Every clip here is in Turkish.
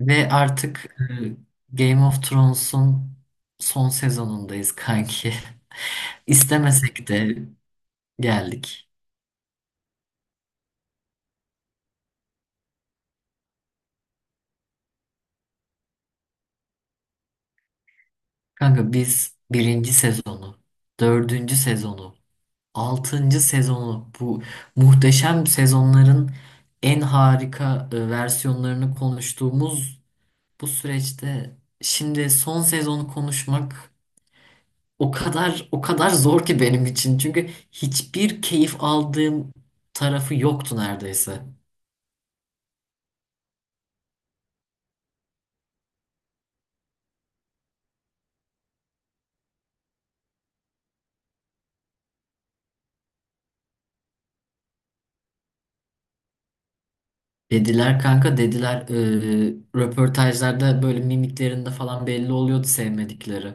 Ve artık Game of Thrones'un son sezonundayız kanki. İstemesek de geldik. Kanka biz birinci sezonu, dördüncü sezonu, altıncı sezonu bu muhteşem sezonların en harika versiyonlarını konuştuğumuz bu süreçte şimdi son sezonu konuşmak o kadar zor ki benim için. Çünkü hiçbir keyif aldığım tarafı yoktu neredeyse. Dediler kanka dediler röportajlarda böyle mimiklerinde falan belli oluyordu sevmedikleri.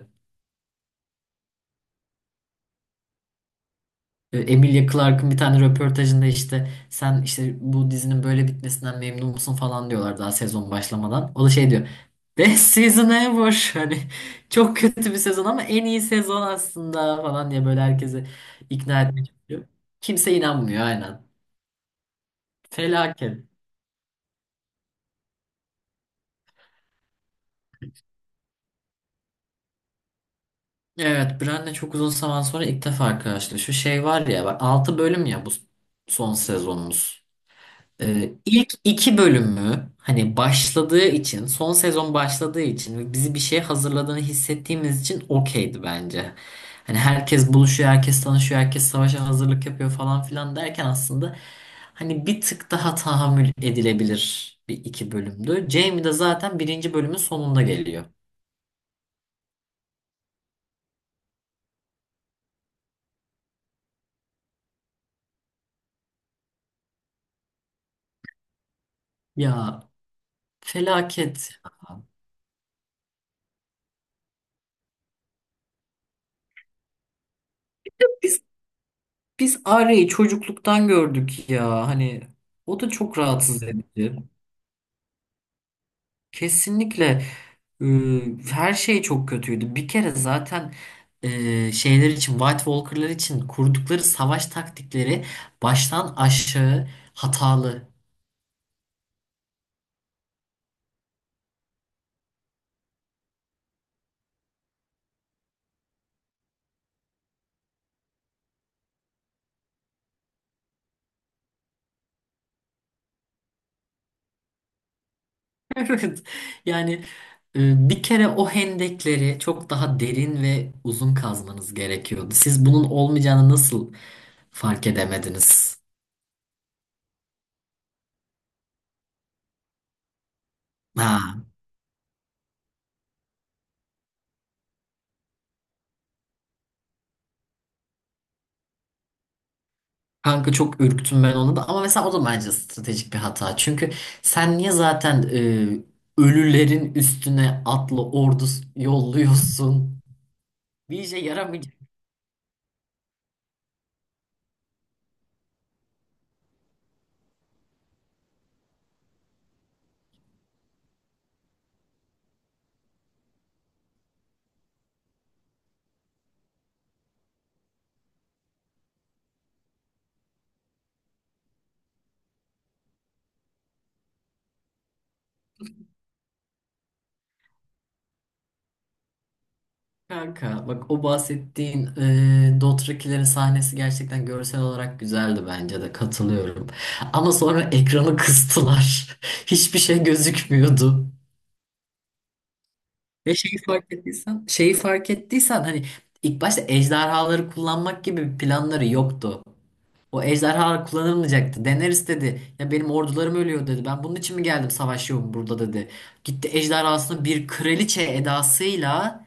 Emilia Clarke'ın bir tane röportajında işte sen işte bu dizinin böyle bitmesinden memnun musun falan diyorlar daha sezon başlamadan. O da şey diyor. Best season ever. Hani çok kötü bir sezon ama en iyi sezon aslında falan diye böyle herkesi ikna etmeye çalışıyor. Kimse inanmıyor aynen. Felaket. Evet, Bran'le çok uzun zaman sonra ilk defa karşılaşıyor. Şey var ya, bak 6 bölüm ya bu son sezonumuz. İlk 2 bölümü hani başladığı için, son sezon başladığı için ve bizi bir şeye hazırladığını hissettiğimiz için okeydi bence. Hani herkes buluşuyor, herkes tanışıyor, herkes savaşa hazırlık yapıyor falan filan derken aslında hani bir tık daha tahammül edilebilir bir iki bölümdü. Jamie de zaten birinci bölümün sonunda geliyor. Ya felaket. Biz Arya'yı çocukluktan gördük ya. Hani o da çok rahatsız edici. Kesinlikle e, her şey çok kötüydü. Bir kere zaten şeyler için White Walker'lar için kurdukları savaş taktikleri baştan aşağı hatalı. Evet. Yani bir kere o hendekleri çok daha derin ve uzun kazmanız gerekiyordu. Siz bunun olmayacağını nasıl fark edemediniz? Ha. Kanka çok ürktüm ben onu da ama mesela o da bence stratejik bir hata. Çünkü sen niye zaten ölülerin üstüne atlı ordu yolluyorsun? Bir işe yaramayacak kanka. Bak o bahsettiğin Dothrakilerin sahnesi gerçekten görsel olarak güzeldi bence de katılıyorum. Ama sonra ekranı kıstılar. Hiçbir şey gözükmüyordu. Ve şeyi fark ettiysen, şeyi fark ettiysen hani ilk başta ejderhaları kullanmak gibi planları yoktu. O ejderha kullanılmayacaktı. Daenerys dedi. Ya benim ordularım ölüyor dedi. Ben bunun için mi geldim savaşıyorum burada dedi. Gitti ejderhasını bir kraliçe edasıyla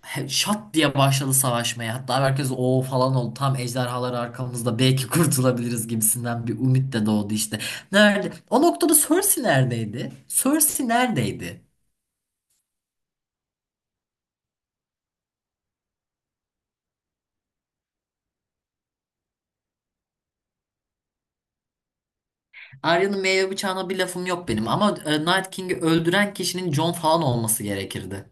şat diye başladı savaşmaya. Hatta herkes o falan oldu. Tam ejderhalar arkamızda belki kurtulabiliriz gibisinden bir umut da doğdu işte. Nerede? O noktada Cersei neredeydi? Cersei neredeydi? Arya'nın meyve bıçağına bir lafım yok benim ama Night King'i öldüren kişinin Jon falan olması gerekirdi.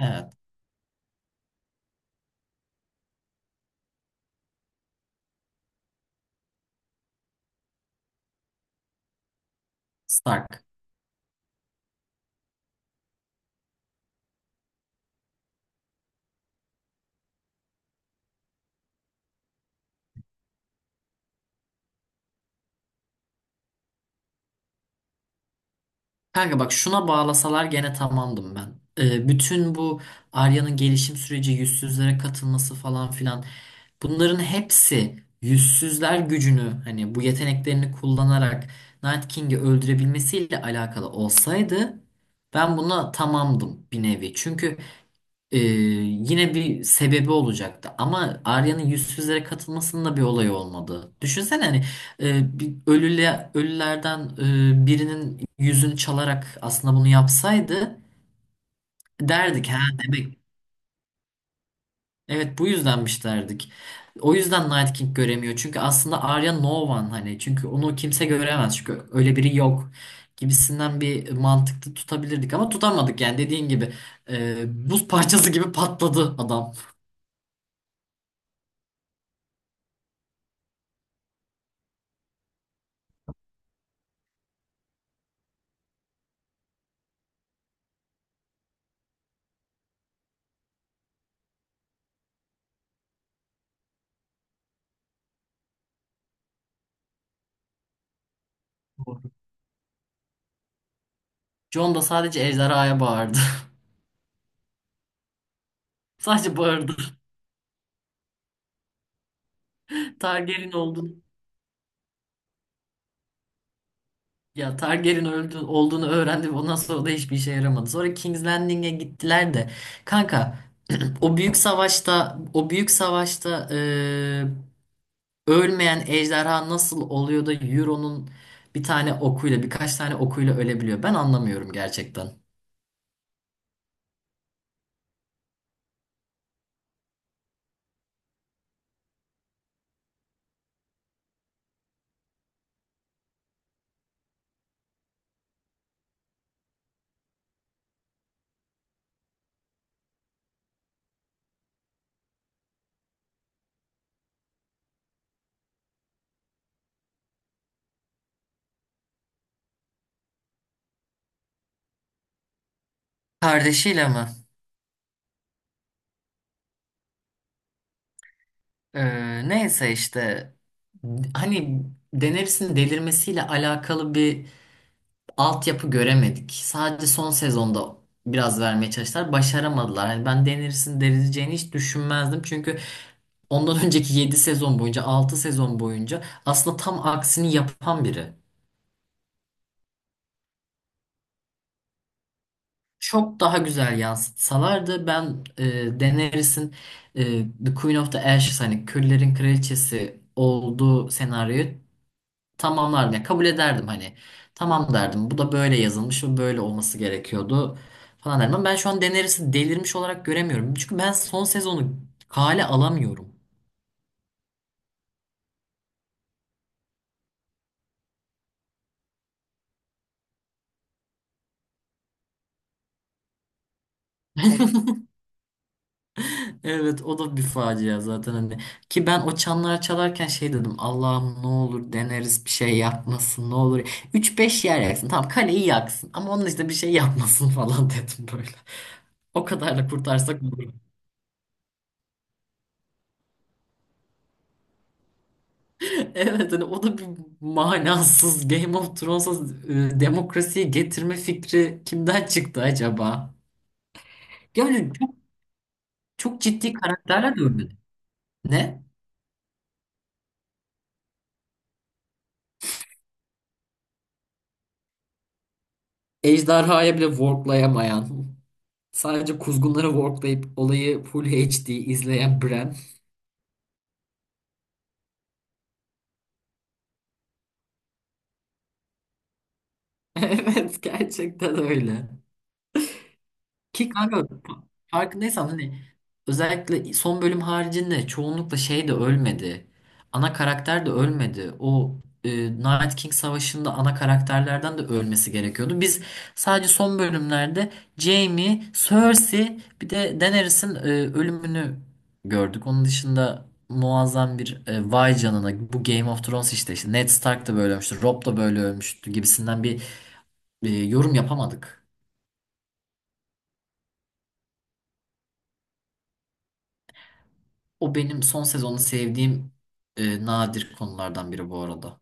Evet, Stark. Kanka bak şuna bağlasalar gene tamamdım ben. Bütün bu Arya'nın gelişim süreci, yüzsüzlere katılması falan filan bunların hepsi yüzsüzler gücünü hani bu yeteneklerini kullanarak Night King'i öldürebilmesiyle alakalı olsaydı ben buna tamamdım bir nevi. Çünkü ee, yine bir sebebi olacaktı ama Arya'nın yüzsüzlere katılmasının da bir olayı olmadı. Düşünsene hani bir ölülerden birinin yüzünü çalarak aslında bunu yapsaydı derdik ha demek evet bu yüzdenmiş derdik. O yüzden Night King göremiyor. Çünkü aslında Arya no one hani çünkü onu kimse göremez çünkü öyle biri yok gibisinden bir mantıklı tutabilirdik ama tutamadık yani dediğin gibi buz parçası gibi patladı adam. Jon da sadece ejderhaya bağırdı. Sadece bağırdı. Targaryen olduğunu ya Targaryen olduğunu öğrendi ve ondan sonra da hiçbir işe yaramadı. Sonra King's Landing'e gittiler de kanka o büyük savaşta ölmeyen ejderha nasıl oluyor da Euron'un bir tane okuyla birkaç tane okuyla ölebiliyor. Ben anlamıyorum gerçekten. Kardeşiyle mi? Neyse işte hani Daenerys'in delirmesiyle alakalı bir altyapı göremedik. Sadece son sezonda biraz vermeye çalıştılar. Başaramadılar. Hani ben denirsin denileceğini hiç düşünmezdim. Çünkü ondan önceki 7 sezon boyunca 6 sezon boyunca aslında tam aksini yapan biri. Çok daha güzel yansıtsalardı ben Daenerys'in e, The Queen of the Ashes hani Küllerin Kraliçesi olduğu senaryoyu tamamlardım. Yani kabul ederdim hani. Tamam derdim. Bu da böyle yazılmış ve böyle olması gerekiyordu falan derdim. Ama ben şu an Daenerys'i delirmiş olarak göremiyorum. Çünkü ben son sezonu kale alamıyorum. Evet o da bir facia zaten hani. Ki ben o çanlar çalarken şey dedim. Allah'ım ne olur deneriz bir şey yapmasın ne olur. Üç beş yer yaksın. Tamam kaleyi yaksın ama onun işte bir şey yapmasın falan dedim böyle. O kadarla kurtarsak olur. Evet hani o da bir manasız Game of Thrones'a demokrasiyi getirme fikri kimden çıktı acaba? Yani çok ciddi karakterler de ölmedi. Ne? Ejderhaya bile worklayamayan, sadece kuzgunları worklayıp olayı full HD izleyen Bran. Evet gerçekten öyle. Ki kanka farkındaysan hani özellikle son bölüm haricinde çoğunlukla şey de ölmedi. Ana karakter de ölmedi. E, Night King Savaşı'nda ana karakterlerden de ölmesi gerekiyordu. Biz sadece son bölümlerde Jaime, Cersei bir de Daenerys'in ölümünü gördük. Onun dışında muazzam bir vay canına bu Game of Thrones işte, işte Ned Stark da böyle ölmüştü, Robb da böyle ölmüştü gibisinden bir yorum yapamadık. O benim son sezonu sevdiğim nadir konulardan biri bu arada.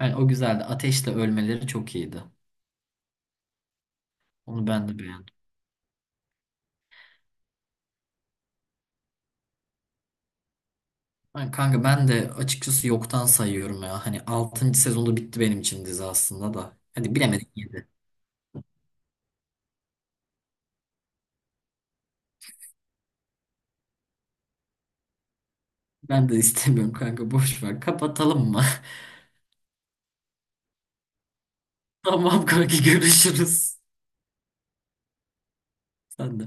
Yani o güzeldi. Ateşle ölmeleri çok iyiydi. Onu ben de beğendim. Yani kanka ben de açıkçası yoktan sayıyorum ya. Hani altıncı sezonda bitti benim için dizi aslında da. Hadi bilemedik yedi. Ben de istemiyorum kanka boş ver. Kapatalım mı? Tamam kanka görüşürüz. Sen de.